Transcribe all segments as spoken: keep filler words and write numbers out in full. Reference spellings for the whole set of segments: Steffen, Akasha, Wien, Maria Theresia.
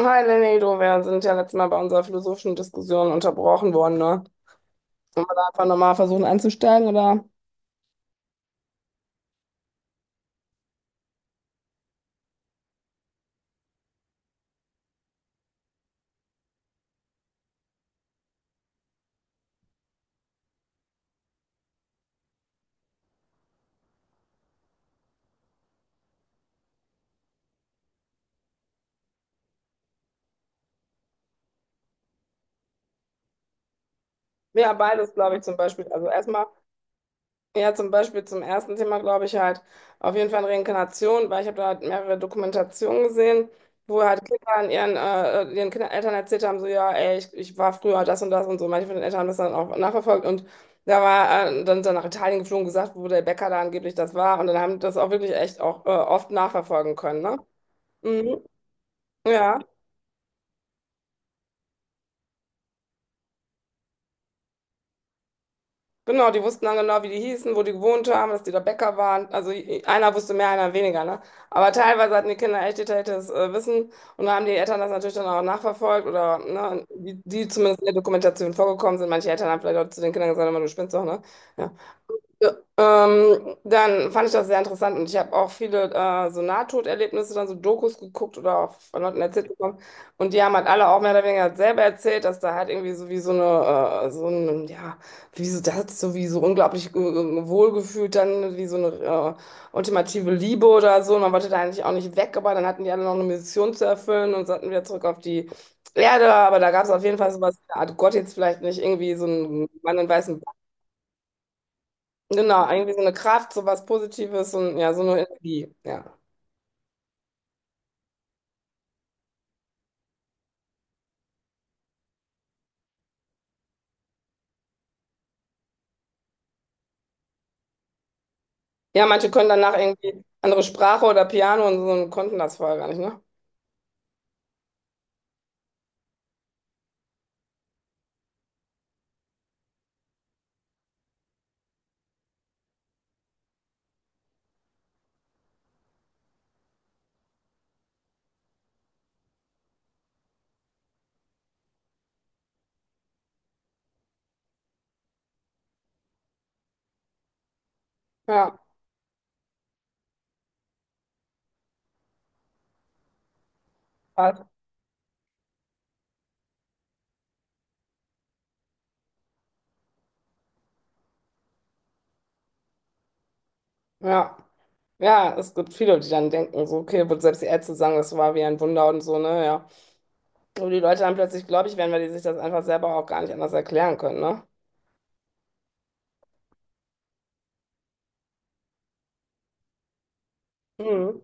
Hi Lenedo, wir sind ja letztes Mal bei unserer philosophischen Diskussion unterbrochen worden, ne? Wollen wir da einfach nochmal versuchen anzusteigen, oder? Ja, beides, glaube ich, zum Beispiel. Also erstmal, ja, zum Beispiel zum ersten Thema, glaube ich, halt auf jeden Fall Reinkarnation, weil ich habe da halt mehrere Dokumentationen gesehen, wo halt Kinder an ihren, äh, ihren Kindern, Eltern erzählt haben, so, ja, ey, ich, ich war früher das und das und so. Manche von den Eltern haben das dann auch nachverfolgt und da war äh, dann, dann nach Italien geflogen, gesagt, wo der Bäcker da angeblich das war. Und dann haben die das auch wirklich echt auch äh, oft nachverfolgen können, ne? Mhm. Ja, genau, die wussten dann genau, wie die hießen, wo die gewohnt haben, dass die da Bäcker waren. Also i- einer wusste mehr, einer weniger, ne? Aber teilweise hatten die Kinder echt detailliertes äh, Wissen und da haben die Eltern das natürlich dann auch nachverfolgt oder ne, die, die zumindest in der Dokumentation vorgekommen sind. Manche Eltern haben vielleicht auch zu den Kindern gesagt, "Hör mal, du spinnst doch, ne? Ja. Ja, ähm, dann fand ich das sehr interessant und ich habe auch viele äh, so Nahtoderlebnisse, dann so Dokus geguckt oder auch von Leuten erzählt bekommen. Und die haben halt alle auch mehr oder weniger selber erzählt, dass da halt irgendwie so wie so eine, äh, so ein, ja, wie so das, so wie so unglaublich äh, wohlgefühlt, dann wie so eine äh, ultimative Liebe oder so. Und man wollte da eigentlich auch nicht weg, aber dann hatten die alle noch eine Mission zu erfüllen und sollten wieder zurück auf die Erde. Aber da gab es auf jeden Fall sowas, wie eine Art Gott jetzt vielleicht nicht irgendwie so einen Mann in weißem. Genau, irgendwie so eine Kraft, so was Positives und ja, so eine Energie, ja. Ja, manche können danach irgendwie andere Sprache oder Piano und so und konnten das vorher gar nicht, ne? Ja, krass. Ja. Ja, es gibt viele, die dann denken, so, okay, wird selbst die Ärzte sagen, das war wie ein Wunder und so, ne? Ja. Aber die Leute dann plötzlich glaube ich werden, weil die sich das einfach selber auch gar nicht anders erklären können, ne? Mhm.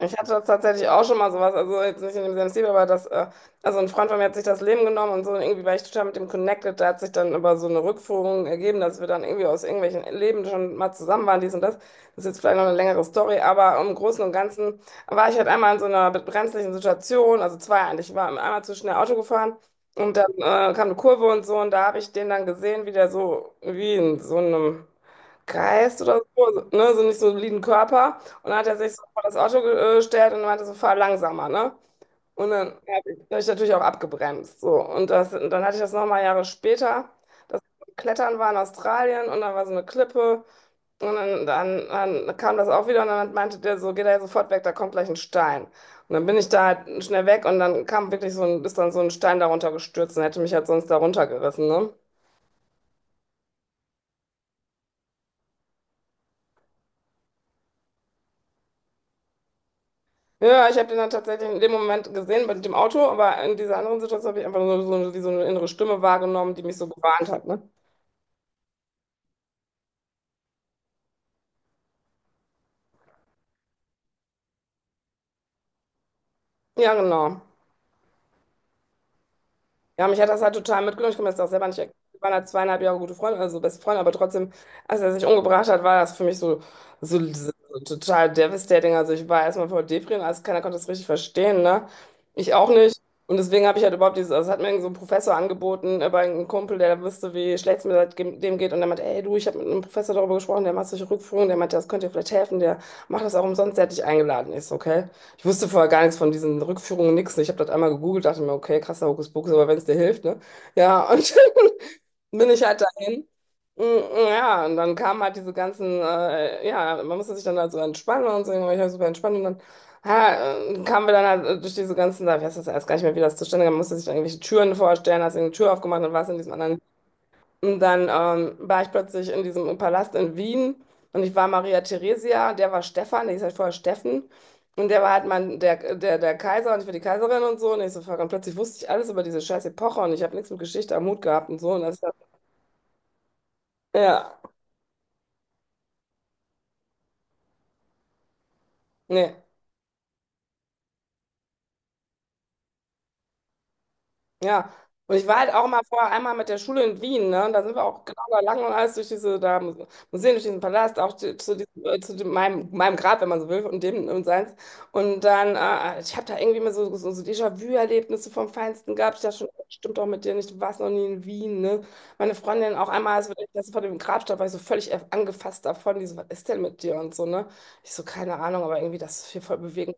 Ich hatte das tatsächlich auch schon mal sowas, also jetzt nicht in demselben Stil, aber das, äh, also ein Freund von mir hat sich das Leben genommen und so, und irgendwie war ich total mit dem connected, da hat sich dann über so eine Rückführung ergeben, dass wir dann irgendwie aus irgendwelchen Leben schon mal zusammen waren, dies und das. Das ist jetzt vielleicht noch eine längere Story, aber im Großen und Ganzen war ich halt einmal in so einer brenzlichen Situation, also zwei eigentlich, ich war einmal zu schnell Auto gefahren und dann äh, kam eine Kurve und so und da habe ich den dann gesehen, wie der so, wie in so einem Geist oder so, ne, so nicht so einen soliden Körper. Und dann hat er sich so vor das Auto gestellt und meinte so, fahr langsamer, ne? Und dann habe ich, hab ich natürlich auch abgebremst. So. Und, das, und dann hatte ich das nochmal Jahre später. Das Klettern war in Australien und da war so eine Klippe. Und dann, dann, dann kam das auch wieder und dann meinte der so, geh da jetzt sofort weg, da kommt gleich ein Stein. Und dann bin ich da halt schnell weg und dann kam wirklich so ein, ist dann so ein Stein darunter gestürzt und hätte mich halt sonst darunter gerissen, ne? Ja, ich habe den dann tatsächlich in dem Moment gesehen mit dem Auto, aber in dieser anderen Situation habe ich einfach nur so, so, wie so eine innere Stimme wahrgenommen, die mich so gewarnt hat, ne? Ja, genau. Ja, mich hat das halt total mitgenommen. Ich kann mir das auch selber nicht erklären. Wir waren halt zweieinhalb Jahre gute Freunde, also beste Freunde, aber trotzdem, als er sich umgebracht hat, war das für mich so, so, so so total devastating. Also ich war erstmal voll Depri und alles, keiner konnte das richtig verstehen, ne? Ich auch nicht. Und deswegen habe ich halt überhaupt dieses, also es hat mir irgend so ein Professor angeboten, aber ein Kumpel, der wusste, wie schlecht es mir seitdem dem geht. Und der meinte, ey du, ich habe mit einem Professor darüber gesprochen, der macht solche Rückführungen, der meinte, das könnte dir vielleicht helfen, der macht das auch umsonst, der hat dich eingeladen. Ist, okay. Ich wusste vorher gar nichts von diesen Rückführungen, nichts. Ich habe das einmal gegoogelt, dachte mir, okay, krasser Hokuspokus, aber wenn es dir hilft, ne? Ja, und bin ich halt dahin. Mm, mm, ja, und dann kamen halt diese ganzen, äh, ja, man musste sich dann halt so entspannen und so, ich war super entspannt und dann ah, äh, kamen wir dann halt äh, durch diese ganzen, da weiß das erst gar nicht mehr, wie das zustande kam, man musste sich dann irgendwelche Türen vorstellen, hast irgendeine Tür aufgemacht und warst in diesem anderen und dann ähm, war ich plötzlich in diesem Palast in Wien und ich war Maria Theresia, der war Stefan, der hieß halt vorher Steffen. Und der war halt mein, der, der, der Kaiser und ich war die Kaiserin und so. Und ich so, fuck, und plötzlich wusste ich alles über diese scheiß Epoche und ich habe nichts mit Geschichte am Hut gehabt und so. Und das, ja, nee. Ja, und ich war halt auch mal vorher einmal mit der Schule in Wien, ne? Und da sind wir auch genau da lang und alles durch diese da Muse- Museen, durch diesen Palast, auch zu, zu, diesem, äh, zu dem, meinem, meinem Grab, wenn man so will, und dem und seins. Und dann, äh, ich habe da irgendwie mal so, so, so Déjà-vu-Erlebnisse vom Feinsten gehabt. Ich dachte schon, oh, stimmt doch mit dir nicht, du warst noch nie in Wien, ne? Meine Freundin auch einmal, als wir das vor dem Grab stand, war ich so völlig angefasst davon, die so, was ist denn mit dir und so, ne? Ich so, keine Ahnung, aber irgendwie das ist hier voll bewegend.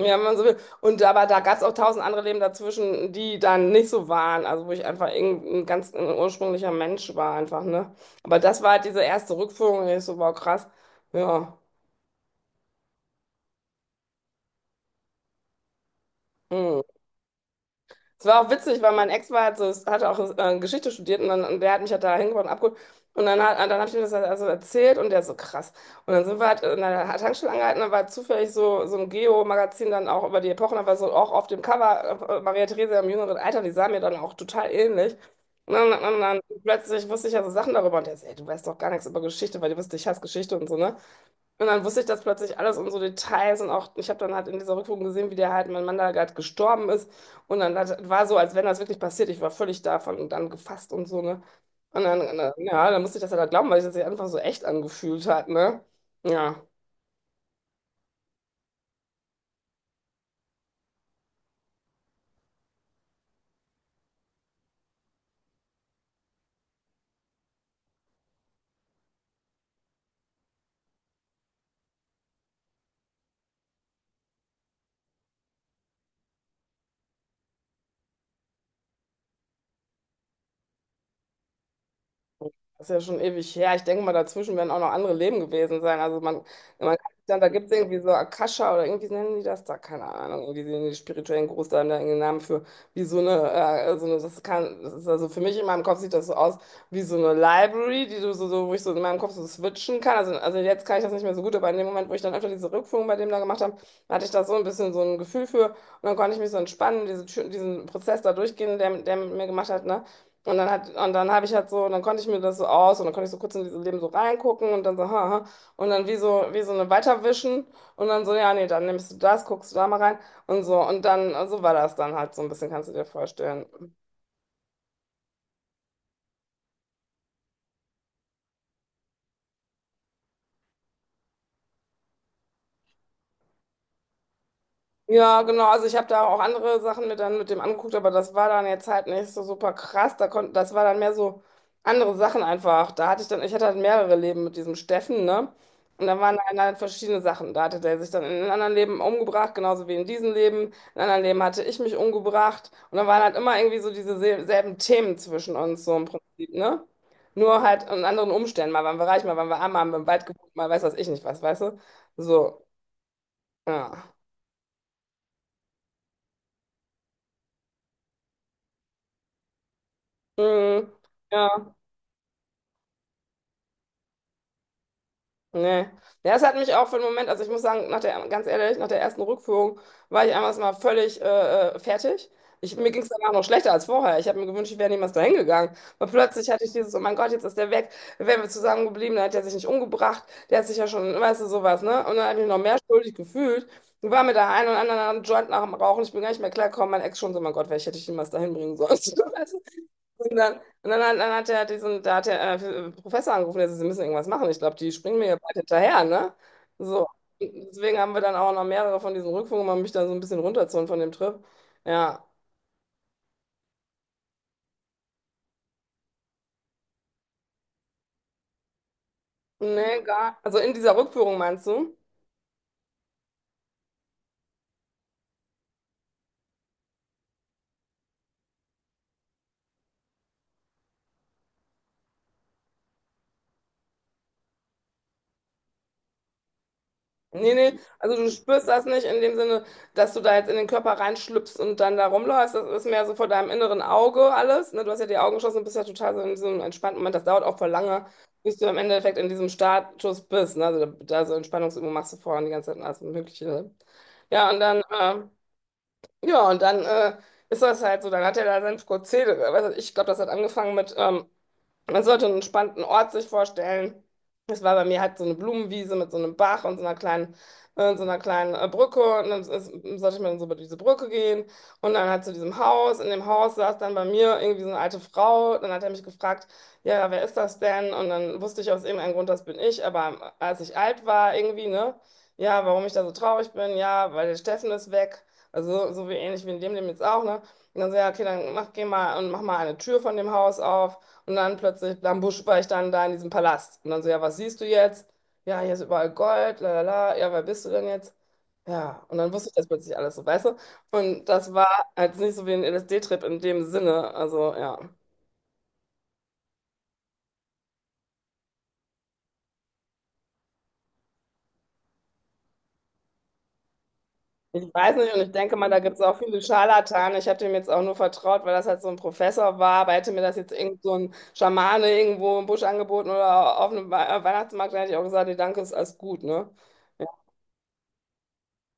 Ja, wenn man so will. Und aber da gab es auch tausend andere Leben dazwischen, die dann nicht so waren. Also wo ich einfach irgendein ganz ein ursprünglicher Mensch war einfach, ne? Aber das war halt diese erste Rückführung, ich so, wow, krass. Ja. Hm. Es war auch witzig, weil mein Ex war halt so, hatte auch äh, Geschichte studiert und, dann, und der hat mich halt da hingebracht und abgeholt. Und dann, hat, dann habe ich ihm das halt also erzählt und der so krass. Und dann sind wir halt in einer Tankstelle angehalten, da war zufällig so, so ein Geo-Magazin dann auch über die Epochen, da war so auch auf dem Cover äh, Maria Theresia im jüngeren Alter, die sah mir dann auch total ähnlich. Und dann, und dann plötzlich wusste ich ja so Sachen darüber und der so, ey, du weißt doch gar nichts über Geschichte, weil du wusstest, ich hasse Geschichte und so, ne? Und dann wusste ich das plötzlich alles und so Details und auch, ich habe dann halt in dieser Rückführung gesehen, wie der halt, mein Mann da gerade gestorben ist. Und dann hat, war so, als wenn das wirklich passiert. Ich war völlig davon und dann gefasst und so, ne? Und dann, äh, ja, dann musste ich das halt glauben, weil sich das sich einfach so echt angefühlt hat, ne? Ja. Das ist ja schon ewig her. Ich denke mal, dazwischen werden auch noch andere Leben gewesen sein. Also man, man kann sich dann, da gibt es irgendwie so Akasha oder irgendwie nennen die das da, keine Ahnung, irgendwie die, die spirituellen Gurus, da da irgendeinen Namen für, wie so eine, äh, so eine, das kann, das ist also für mich in meinem Kopf sieht das so aus wie so eine Library, die du so, so, wo ich so in meinem Kopf so switchen kann. Also, also jetzt kann ich das nicht mehr so gut, aber in dem Moment, wo ich dann öfter diese Rückführung bei dem da gemacht habe, hatte ich da so ein bisschen so ein Gefühl für und dann konnte ich mich so entspannen, diese, Tür- diesen Prozess da durchgehen, der, der mit mir gemacht hat, ne? Und dann hat, und dann habe ich halt so, dann konnte ich mir das so aus und dann konnte ich so kurz in dieses Leben so reingucken und dann so, haha, und dann wie so, wie so eine weiterwischen und dann so, ja, nee, dann nimmst du das, guckst du da mal rein und so. Und dann, so war das dann halt so ein bisschen, kannst du dir vorstellen. Ja, genau. Also ich habe da auch andere Sachen mit dann mit dem angeguckt, aber das war dann jetzt halt nicht so super krass. Da konnte, das war dann mehr so andere Sachen einfach. Da hatte ich dann, ich hatte halt mehrere Leben mit diesem Steffen, ne? Und da waren dann halt verschiedene Sachen. Da hatte der sich dann in einem anderen Leben umgebracht, genauso wie in diesem Leben. In einem anderen Leben hatte ich mich umgebracht. Und dann waren halt immer irgendwie so diese sel- selben Themen zwischen uns, so im Prinzip, ne? Nur halt in anderen Umständen. Mal waren wir reich, mal waren wir arm, mal haben wir im Wald gewohnt, mal weiß was ich nicht was, weißt du? So, ja. Mhm. Ja. Nee. Ja, es hat mich auch für einen Moment, also ich muss sagen, nach der, ganz ehrlich, nach der ersten Rückführung war ich einmal mal völlig äh, äh, fertig. Ich, mir ging es danach noch schlechter als vorher. Ich habe mir gewünscht, ich wäre niemals dahin gegangen. Weil plötzlich hatte ich dieses, oh mein Gott, jetzt ist der weg. Wären wir zusammengeblieben, dann hätte er sich nicht umgebracht. Der hat sich ja schon, weißt du, sowas, ne? Und dann habe ich mich noch mehr schuldig gefühlt. Und war mir da ein und anderen am Joint nach dem Rauchen. Ich bin gar nicht mehr klargekommen. Mein Ex schon so, oh mein Gott, vielleicht hätte ich ihn niemals dahin bringen sollen. Weißt du? Und dann, und dann, dann hat er diesen, da hat der äh, Professor angerufen, der sagt, Sie müssen irgendwas machen. Ich glaube, die springen mir hier bald hinterher, ne? So. Deswegen haben wir dann auch noch mehrere von diesen Rückführungen, um mich da so ein bisschen runterzuholen von dem Trip. Ja. Nee, gar. Also in dieser Rückführung meinst du? Nee, nee, also du spürst das nicht in dem Sinne, dass du da jetzt in den Körper reinschlüpfst und dann da rumläufst. Das ist mehr so vor deinem inneren Auge alles. Ne? Du hast ja die Augen geschlossen und bist ja total so in diesem entspannten Moment. Das dauert auch voll lange, bis du im Endeffekt in diesem Status bist. Ne? Also da, da so Entspannungsübungen machst du vorher und die ganze Zeit und alles Mögliche. Ne? Ja, und dann, äh, ja, und dann äh, ist das halt so, dann hat er da sein Prozedere. Weißt du, ich glaube, das hat angefangen mit. Ähm, man sollte einen entspannten Ort sich vorstellen. Es war bei mir halt so eine Blumenwiese mit so einem Bach und so einer kleinen, äh, so einer kleinen äh, Brücke. Und dann ist, sollte ich mal so über diese Brücke gehen. Und dann halt zu diesem Haus. In dem Haus saß dann bei mir irgendwie so eine alte Frau. Dann hat er mich gefragt, ja, wer ist das denn? Und dann wusste ich aus irgendeinem Grund, das bin ich. Aber als ich alt war, irgendwie, ne? Ja, warum ich da so traurig bin? Ja, weil der Steffen ist weg. Also so so wie ähnlich wie in dem, dem jetzt auch, ne? Und dann so, ja, okay, dann mach, geh mal und mach mal eine Tür von dem Haus auf. Und dann plötzlich, am Busch war ich dann da in diesem Palast. Und dann so, ja, was siehst du jetzt? Ja, hier ist überall Gold, la la la. Ja, wer bist du denn jetzt? Ja, und dann wusste ich das plötzlich alles so, weißt du? Und das war halt nicht so wie ein L S D-Trip in dem Sinne. Also, ja. Ich weiß nicht und ich denke mal, da gibt es auch viele Scharlatane. Ich habe dem jetzt auch nur vertraut, weil das halt so ein Professor war. Aber hätte mir das jetzt irgend so ein Schamane irgendwo im Busch angeboten oder auf einem Wei- Weihnachtsmarkt, dann hätte ich auch gesagt, nee, danke, ist alles gut, ne?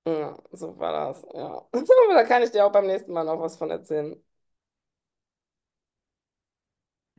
Ja, so war das, ja. Aber da kann ich dir auch beim nächsten Mal noch was von erzählen.